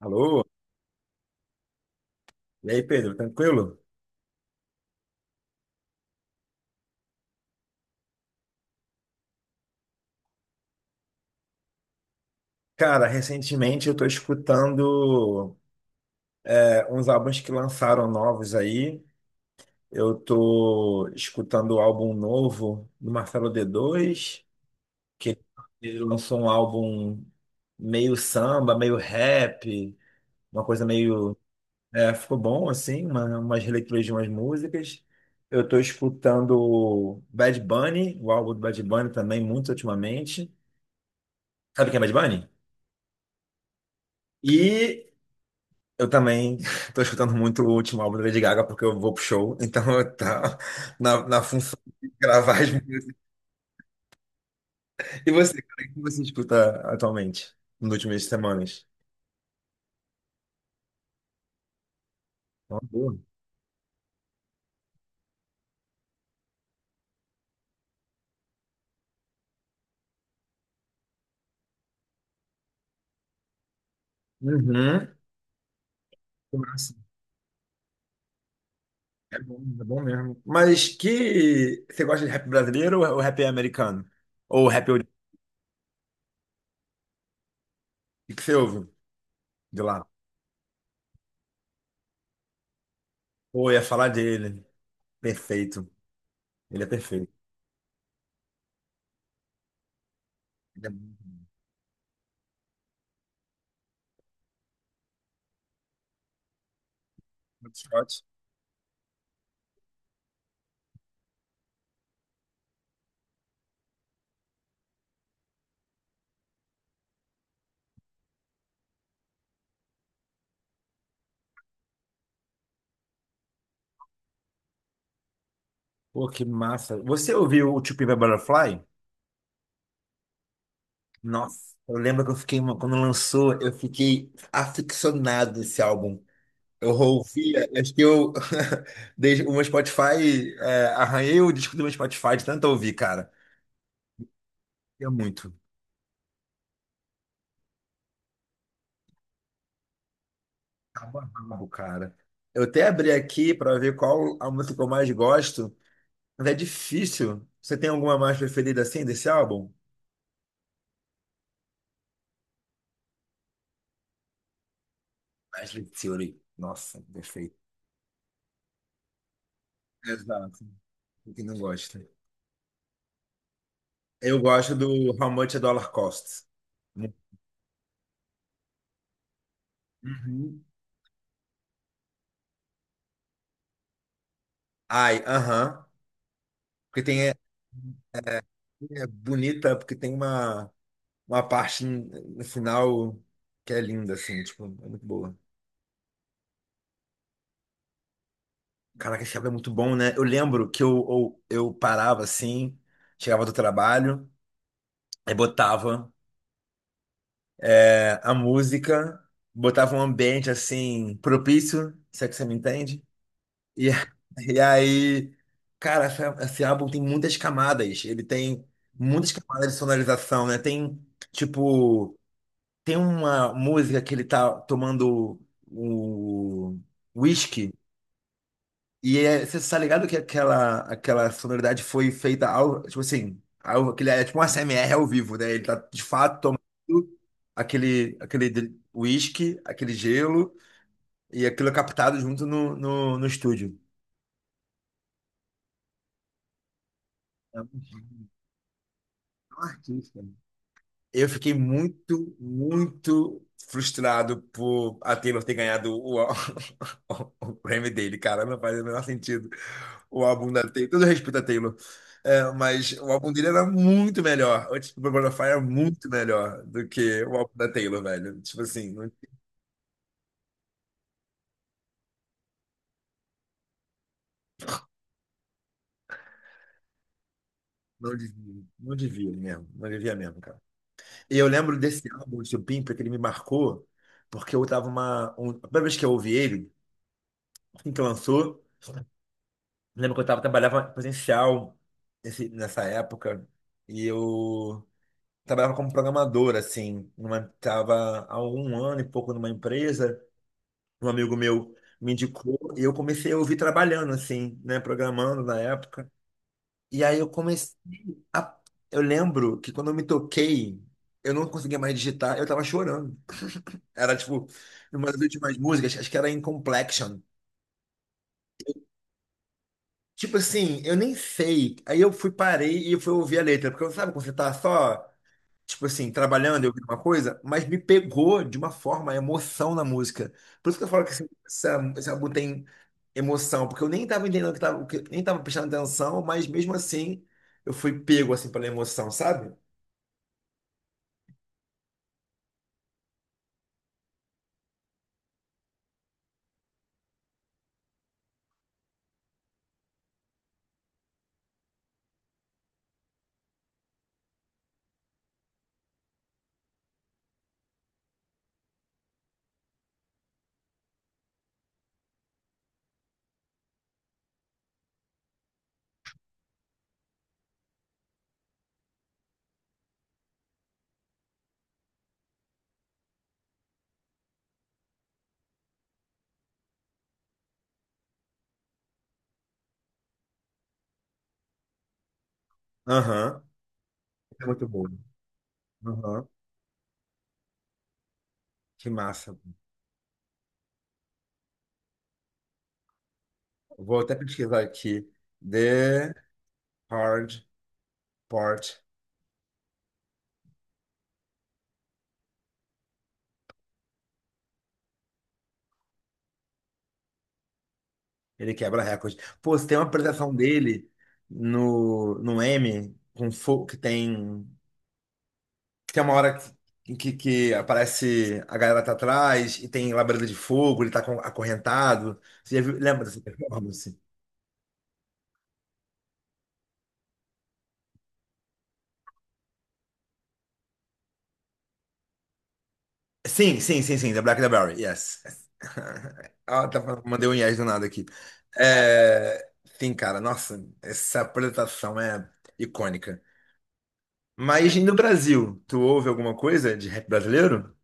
Alô? E aí, Pedro, tranquilo? Cara, recentemente eu tô escutando uns álbuns que lançaram novos aí. Eu tô escutando o álbum novo do Marcelo D2, que ele lançou um álbum meio samba, meio rap, uma coisa meio. Ficou bom, assim, umas releituras de umas músicas. Eu tô escutando o Bad Bunny, o álbum do Bad Bunny também, muito ultimamente. Sabe quem é Bad Bunny? E eu também tô escutando muito o último álbum da Lady Gaga porque eu vou pro show, então eu tá na função de gravar as músicas. E você, cara, o que você escuta atualmente, nas últimas semanas? É uma boa. Uhum. Nossa, é bom, é bom mesmo. Mas que você gosta de rap brasileiro ou rap americano? Ou rap o que você ouve de lá? Ou ia falar dele. Perfeito. Ele é perfeito. Ele é muito muito shot. Pô, que massa. Você ouviu o Two Pimp a Butterfly? Nossa, eu lembro que eu fiquei, quando lançou, eu fiquei aficionado esse álbum. Eu ouvia, acho que eu, desde o meu Spotify, arranhei o disco do meu Spotify de tanto ouvir, cara. É muito. Cabo a rabo, cara. Eu até abri aqui pra ver qual a música que eu mais gosto, mas é difícil. Você tem alguma mais preferida assim desse álbum? Ashley Theory. Nossa, perfeito. Exato. Quem não gosta? Eu gosto do How Much a Dollar Costs. Uhum. Ai, aham. Porque tem, é bonita, porque tem uma parte no final que é linda, assim, tipo, é muito boa. Caraca, esse álbum é muito bom, né? Eu lembro que eu parava assim, chegava do trabalho, aí botava a música, botava um ambiente assim, propício, se é que você me entende. E, e aí, cara, esse álbum tem muitas camadas. Ele tem muitas camadas de sonorização, né? Tem, tipo. Tem uma música que ele tá tomando o whisky e você tá ligado que aquela sonoridade foi feita ao, tipo assim, ao, aquele, é tipo um ASMR ao vivo, né? Ele tá de fato tomando whisky, aquele gelo e aquilo é captado junto no, no estúdio. É um artista. Eu fiquei muito, muito frustrado por a Taylor ter ganhado o, o prêmio dele, cara. Não faz o menor sentido o álbum da Taylor. Todo respeito à Taylor. É, mas o álbum dele era muito melhor. O tipo, do of Fire era muito melhor do que o álbum da Taylor, velho. Tipo assim, não, não devia, não devia mesmo. Não devia mesmo, cara. E eu lembro desse álbum, do Pimpa, que ele me marcou, porque eu tava a primeira vez que eu ouvi ele, assim que lançou. Lembro que eu tava, trabalhava presencial nessa época e eu trabalhava como programador, assim. Tava há um ano e pouco numa empresa, um amigo meu me indicou e eu comecei a ouvir trabalhando, assim, né, programando na época. E aí eu comecei a. Eu lembro que quando eu me toquei, eu não conseguia mais digitar, eu tava chorando. Era tipo, uma das últimas músicas, acho que era In. Tipo assim, eu nem sei. Aí eu fui, parei e fui ouvir a letra. Porque sabe quando você tá só, tipo assim, trabalhando e ouvindo uma coisa, mas me pegou de uma forma, a emoção na música. Por isso que eu falo que esse álbum tem emoção, porque eu nem tava entendendo o que tava, nem tava prestando atenção, mas mesmo assim eu fui pego assim pela emoção, sabe? Aham. É muito bom. Aham. Que massa. Vou até pesquisar aqui. The Hard Part. Ele quebra recorde. Pô, se tem uma apresentação dele no, M, com fogo que tem. Que tem uma hora que aparece a galera tá atrás e tem labareda de fogo, ele tá acorrentado. Você já viu? Lembra dessa performance? Sim, sim, sim, sim, The Black and the Berry, yes. Ah, tá, mandei um yes do nada aqui. É, sim, cara, nossa, essa apresentação é icônica. Mas e no Brasil, tu ouve alguma coisa de rap brasileiro?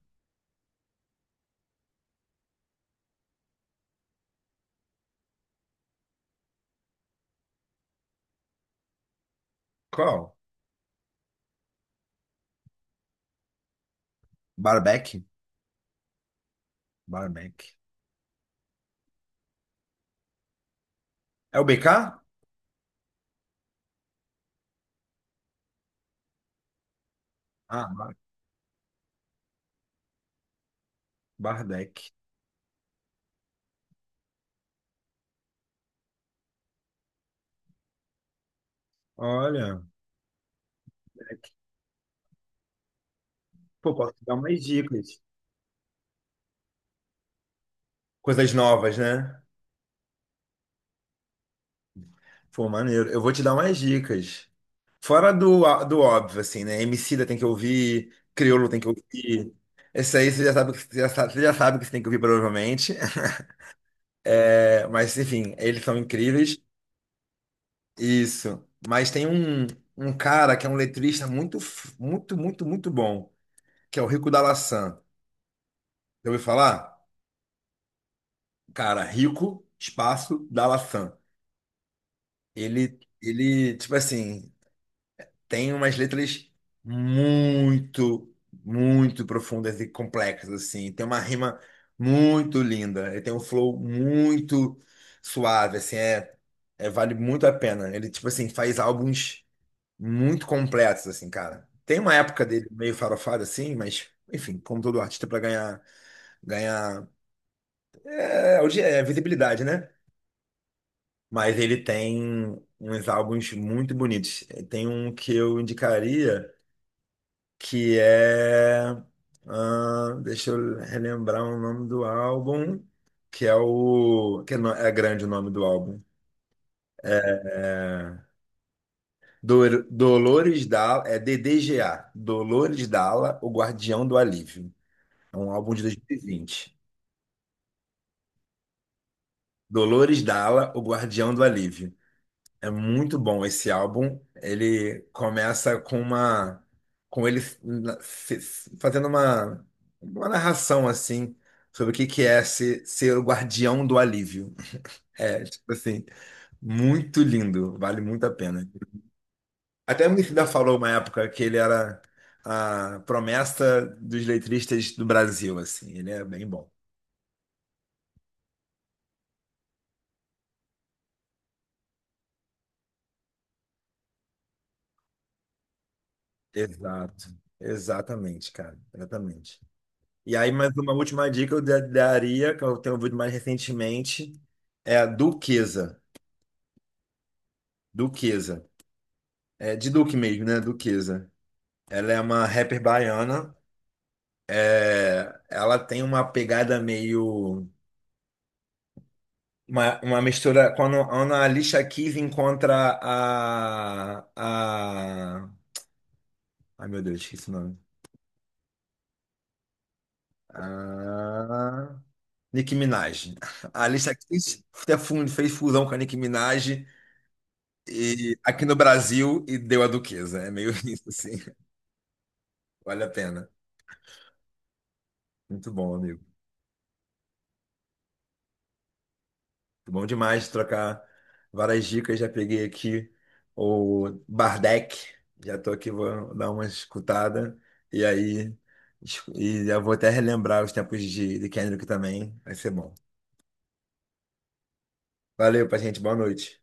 Qual? Barback? Barbeck. É o BK? Ah, Bardec. Olha, pô, posso te dar umas dicas. Coisas novas, né? Pô, maneiro. Eu vou te dar umas dicas. Fora do óbvio, assim, né? Emicida tem que ouvir, Criolo tem que ouvir. Esse aí você já sabe, você já sabe que você tem que ouvir, provavelmente. É, mas, enfim, eles são incríveis. Isso. Mas tem um cara que é um letrista muito, muito, muito, muito bom, que é o Rico da Laçã. Já ouviu falar? Cara, rico, espaço, da. Ele, tipo assim, tem umas letras muito, muito profundas e complexas, assim. Tem uma rima muito linda. Ele tem um flow muito suave, assim. É, vale muito a pena. Ele, tipo assim, faz álbuns muito completos, assim, cara. Tem uma época dele meio farofada, assim, mas, enfim, como todo artista, para ganhar hoje é visibilidade, né? Mas ele tem uns álbuns muito bonitos. Tem um que eu indicaria que é. Ah, deixa eu relembrar o nome do álbum, que é o. Que é, é grande o nome do álbum. É Dolores Dalla, é DDGA, Dolores Dalla, o Guardião do Alívio. É um álbum de 2020. Dolores Dalla, o Guardião do Alívio. É muito bom esse álbum. Ele começa com ele fazendo uma narração assim sobre o que que é ser o guardião do alívio. É, tipo assim, muito lindo, vale muito a pena. Até o Emicida falou uma época que ele era a promessa dos letristas do Brasil, assim. Ele é bem bom. Exato, exatamente, cara, exatamente. E aí, mais uma última dica eu daria, que eu tenho ouvido mais recentemente, é a Duquesa. Duquesa. É de Duque mesmo, né? Duquesa. Ela é uma rapper baiana. Ela tem uma pegada meio. Uma mistura. Quando a Alicia Keys encontra a. a ai, meu Deus, esqueci o nome. A. Nicki Minaj. A Alicia Keys até fez fusão com a Nicki Minaj. E aqui no Brasil, e deu a Duquesa. É meio isso, assim. Vale a pena. Muito bom, amigo. Muito bom demais trocar várias dicas. Já peguei aqui o Bardec. Já tô aqui, vou dar uma escutada. E aí, e eu vou até relembrar os tempos de Kendrick também. Vai ser bom. Valeu, paciente. Boa noite.